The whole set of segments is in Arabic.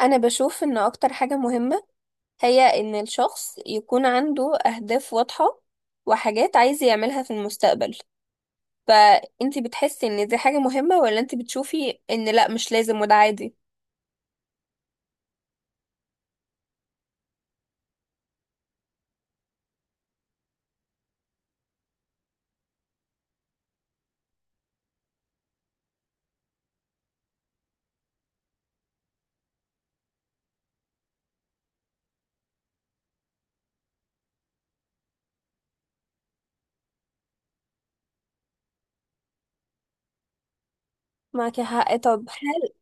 انا بشوف ان اكتر حاجة مهمة هي ان الشخص يكون عنده اهداف واضحة وحاجات عايز يعملها في المستقبل. فانتي بتحسي ان دي حاجة مهمة ولا انتي بتشوفي ان لا مش لازم وده عادي؟ معاكي حق. طب هل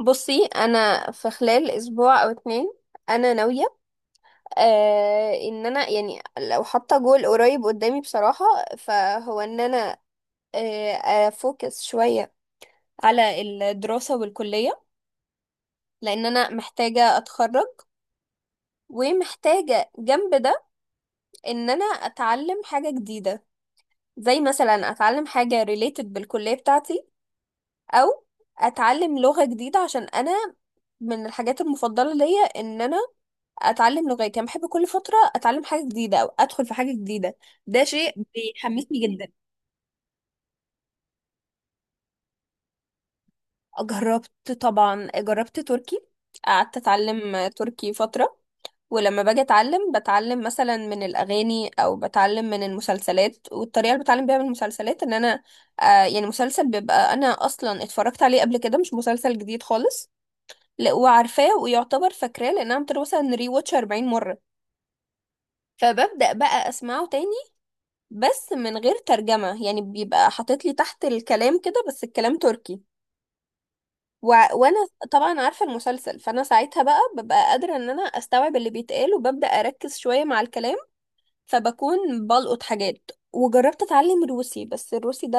بصي، انا في خلال اسبوع او اتنين انا ناوية، ان انا يعني لو حاطة جول قريب قدامي بصراحة، فهو ان انا افوكس شوية على الدراسة والكلية، لان انا محتاجة اتخرج. ومحتاجة جنب ده ان انا اتعلم حاجة جديدة، زي مثلا اتعلم حاجة related بالكلية بتاعتي، او اتعلم لغة جديدة، عشان انا من الحاجات المفضلة ليا ان انا اتعلم لغات. يعني بحب كل فترة اتعلم حاجة جديدة او ادخل في حاجة جديدة، ده شيء بيحمسني جدا. جربت، طبعا جربت تركي، قعدت اتعلم تركي فترة. ولما باجي اتعلم، بتعلم مثلا من الاغاني او بتعلم من المسلسلات. والطريقة اللي بتعلم بيها من المسلسلات ان انا يعني مسلسل بيبقى انا اصلا اتفرجت عليه قبل كده، مش مسلسل جديد خالص، لا وعارفاه ويعتبر فاكراه، لان انا عملت له مثلا ري واتش 40 مرة. فببدأ بقى اسمعه تاني، بس من غير ترجمة، يعني بيبقى حاطط لي تحت الكلام كده بس الكلام تركي. و... وانا طبعا عارفه المسلسل، فانا ساعتها بقى ببقى قادره ان انا استوعب اللي بيتقال، وببدا اركز شويه مع الكلام، فبكون بلقط حاجات. وجربت اتعلم روسي، بس الروسي ده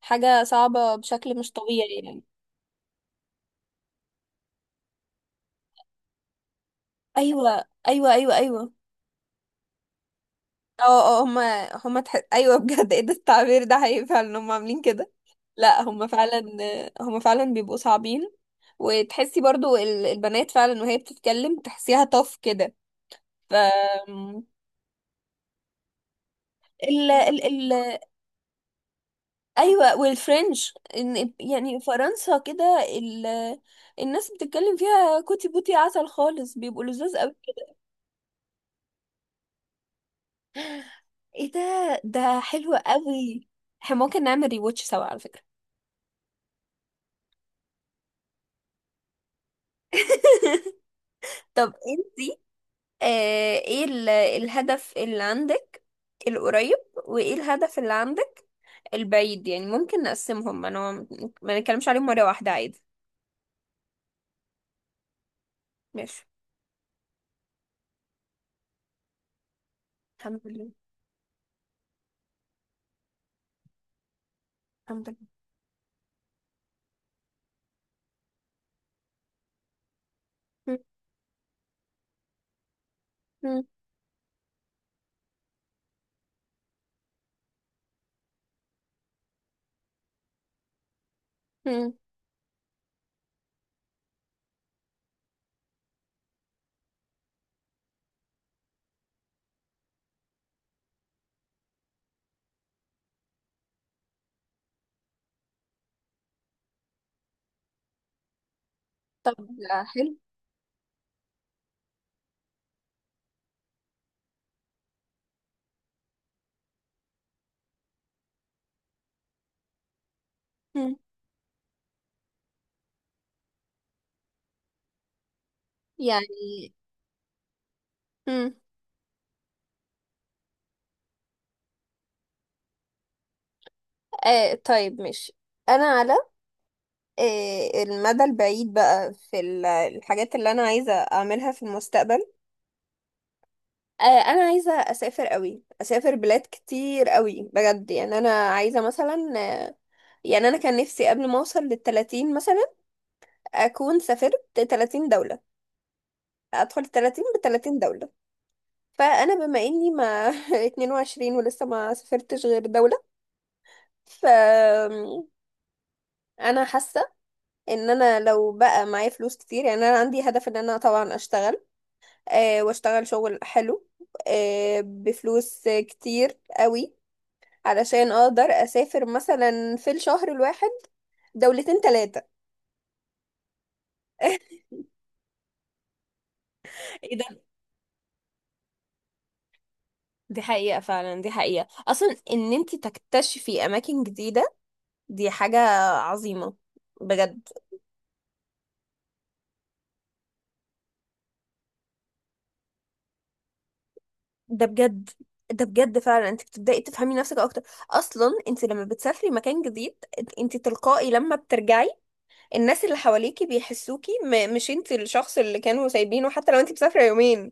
حاجه صعبه بشكل مش طبيعي يعني. ايوه ايوه ايوه ايوه. اه اه، هما هما ايوه، بجد، ايه ده! التعبير ده حقيقي فعلا، هما عاملين كده. لا هما فعلا، هما فعلا بيبقوا صعبين. وتحسي برضو البنات فعلا وهي بتتكلم تحسيها طف كده. ف ال... ال... ال... ايوه، والفرنش يعني فرنسا كده، ال... الناس بتتكلم فيها كوتي بوتي عسل خالص، بيبقوا لذاذ قوي. ايه ده! ده حلو قوي. احنا ممكن نعمل ريواتش سوا على فكرة. طب انت، ايه الهدف اللي عندك القريب؟ وايه الهدف اللي عندك البعيد؟ يعني ممكن نقسمهم، انا ما نتكلمش عليهم مرة واحدة عادي. ماشي. الحمد لله، الحمد لله. مم. مم. مم. طب حلو. مم. يعني. مم. طيب، مش انا على المدى البعيد بقى، في الحاجات اللي انا عايزه اعملها في المستقبل، انا عايزه اسافر قوي، اسافر بلاد كتير قوي بجد. يعني انا عايزه مثلا، يعني انا كان نفسي قبل ما اوصل للتلاتين مثلا اكون سافرت 30 دوله، ادخل التلاتين بـ30 دوله. فانا بما اني ما 22 ولسه ما سافرتش غير دوله. ف انا حاسه ان انا لو بقى معايا فلوس كتير، يعني انا عندي هدف ان انا طبعا اشتغل، أه واشتغل شغل حلو، أه بفلوس كتير قوي، علشان اقدر اسافر مثلا في الشهر الواحد دولتين 3. ايه ده! دي حقيقة فعلا، دي حقيقة اصلا ان انت تكتشفي اماكن جديدة، دي حاجة عظيمة بجد. ده بجد، ده بجد فعلا، انت بتبدأي تفهمي نفسك اكتر. اصلا انت لما بتسافري مكان جديد، انت تلقائي لما بترجعي الناس اللي حواليكي بيحسوكي مش انت الشخص اللي كانوا سايبينه، حتى لو انت مسافره يومين.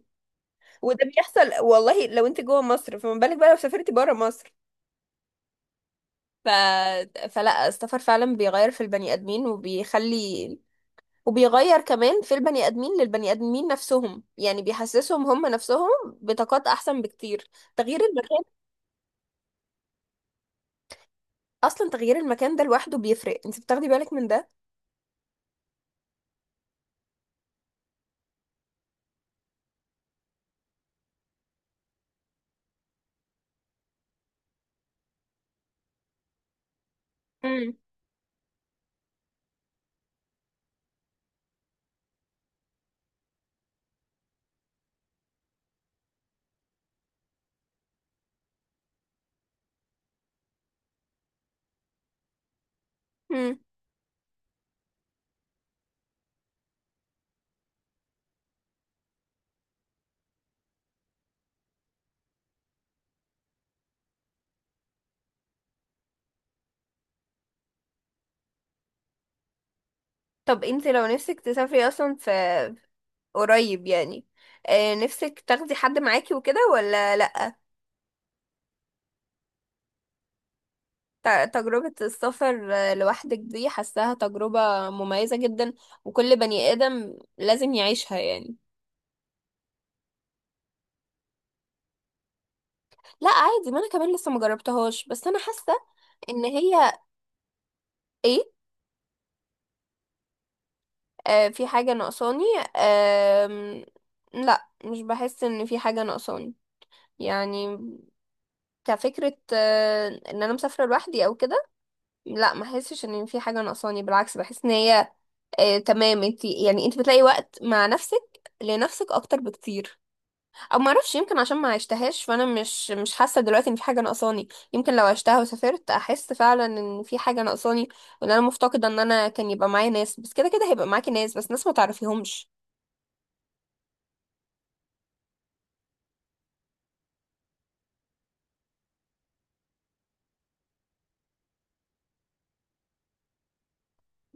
وده بيحصل والله لو انت جوه مصر، فما بالك بقى لو سافرتي بره مصر. ف... فلا، السفر فعلا بيغير في البني ادمين، وبيخلي، وبيغير كمان في البني ادمين للبني ادمين نفسهم، يعني بيحسسهم هم نفسهم بطاقات احسن بكتير، تغيير المكان. اصلا تغيير المكان ده لوحده بيفرق، انت بتاخدي بالك من ده. امم. طب انت لو نفسك تسافري اصلا في قريب يعني، آه، نفسك تاخدي حد معاكي وكده ولا لأ؟ تجربة السفر آه، لوحدك دي حاساها تجربة مميزة جدا، وكل بني آدم لازم يعيشها يعني. لأ عادي، ما أنا كمان لسه مجربتهاش، بس أنا حاسة إن هي إيه، في حاجة ناقصاني. آم، لأ، مش بحس إن في حاجة ناقصاني يعني، كفكرة إن أنا مسافرة لوحدي أو كده. لأ ما أحسش إن في حاجة ناقصاني، بالعكس بحس إن هي تمام. انت يعني، انت بتلاقي وقت مع نفسك لنفسك اكتر بكتير، او ما اعرفش، يمكن عشان ما عشتهاش فانا مش حاسه دلوقتي ان في حاجه ناقصاني، يمكن لو عشتها وسافرت احس فعلا ان في حاجه ناقصاني، وان انا مفتقده ان انا كان يبقى معايا ناس، بس كده كده هيبقى معاكي ناس، بس ناس ما تعرفيهمش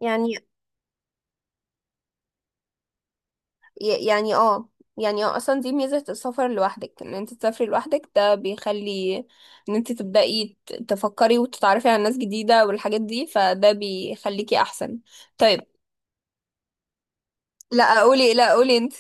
يعني. ي- يعني اه يعني اه اصلا دي ميزه السفر لوحدك، ان انت تسافري لوحدك ده بيخلي ان انت تبداي تفكري وتتعرفي على ناس جديده والحاجات دي، فده بيخليكي احسن. طيب. لا قولي، لا قولي انت.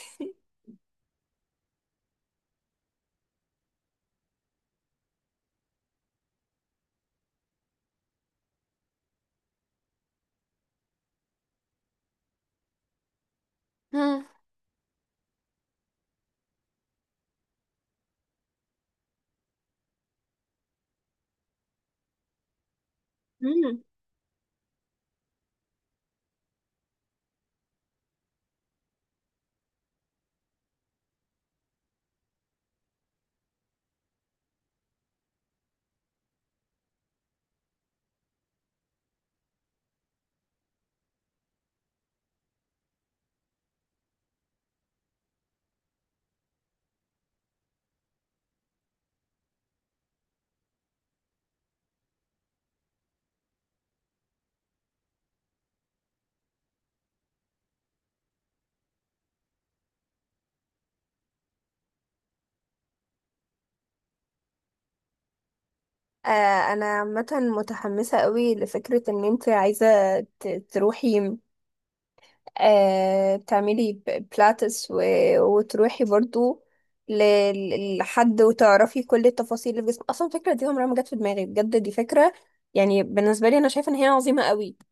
مم. مم. آه انا عامه متحمسه قوي لفكره ان انت عايزه تروحي آه تعملي بلاتس، وتروحي برضو لحد وتعرفي كل التفاصيل الجسم. اصلا الفكره دي عمرها ما جت في دماغي بجد، دي فكره يعني بالنسبه لي انا شايفه ان هي عظيمه قوي.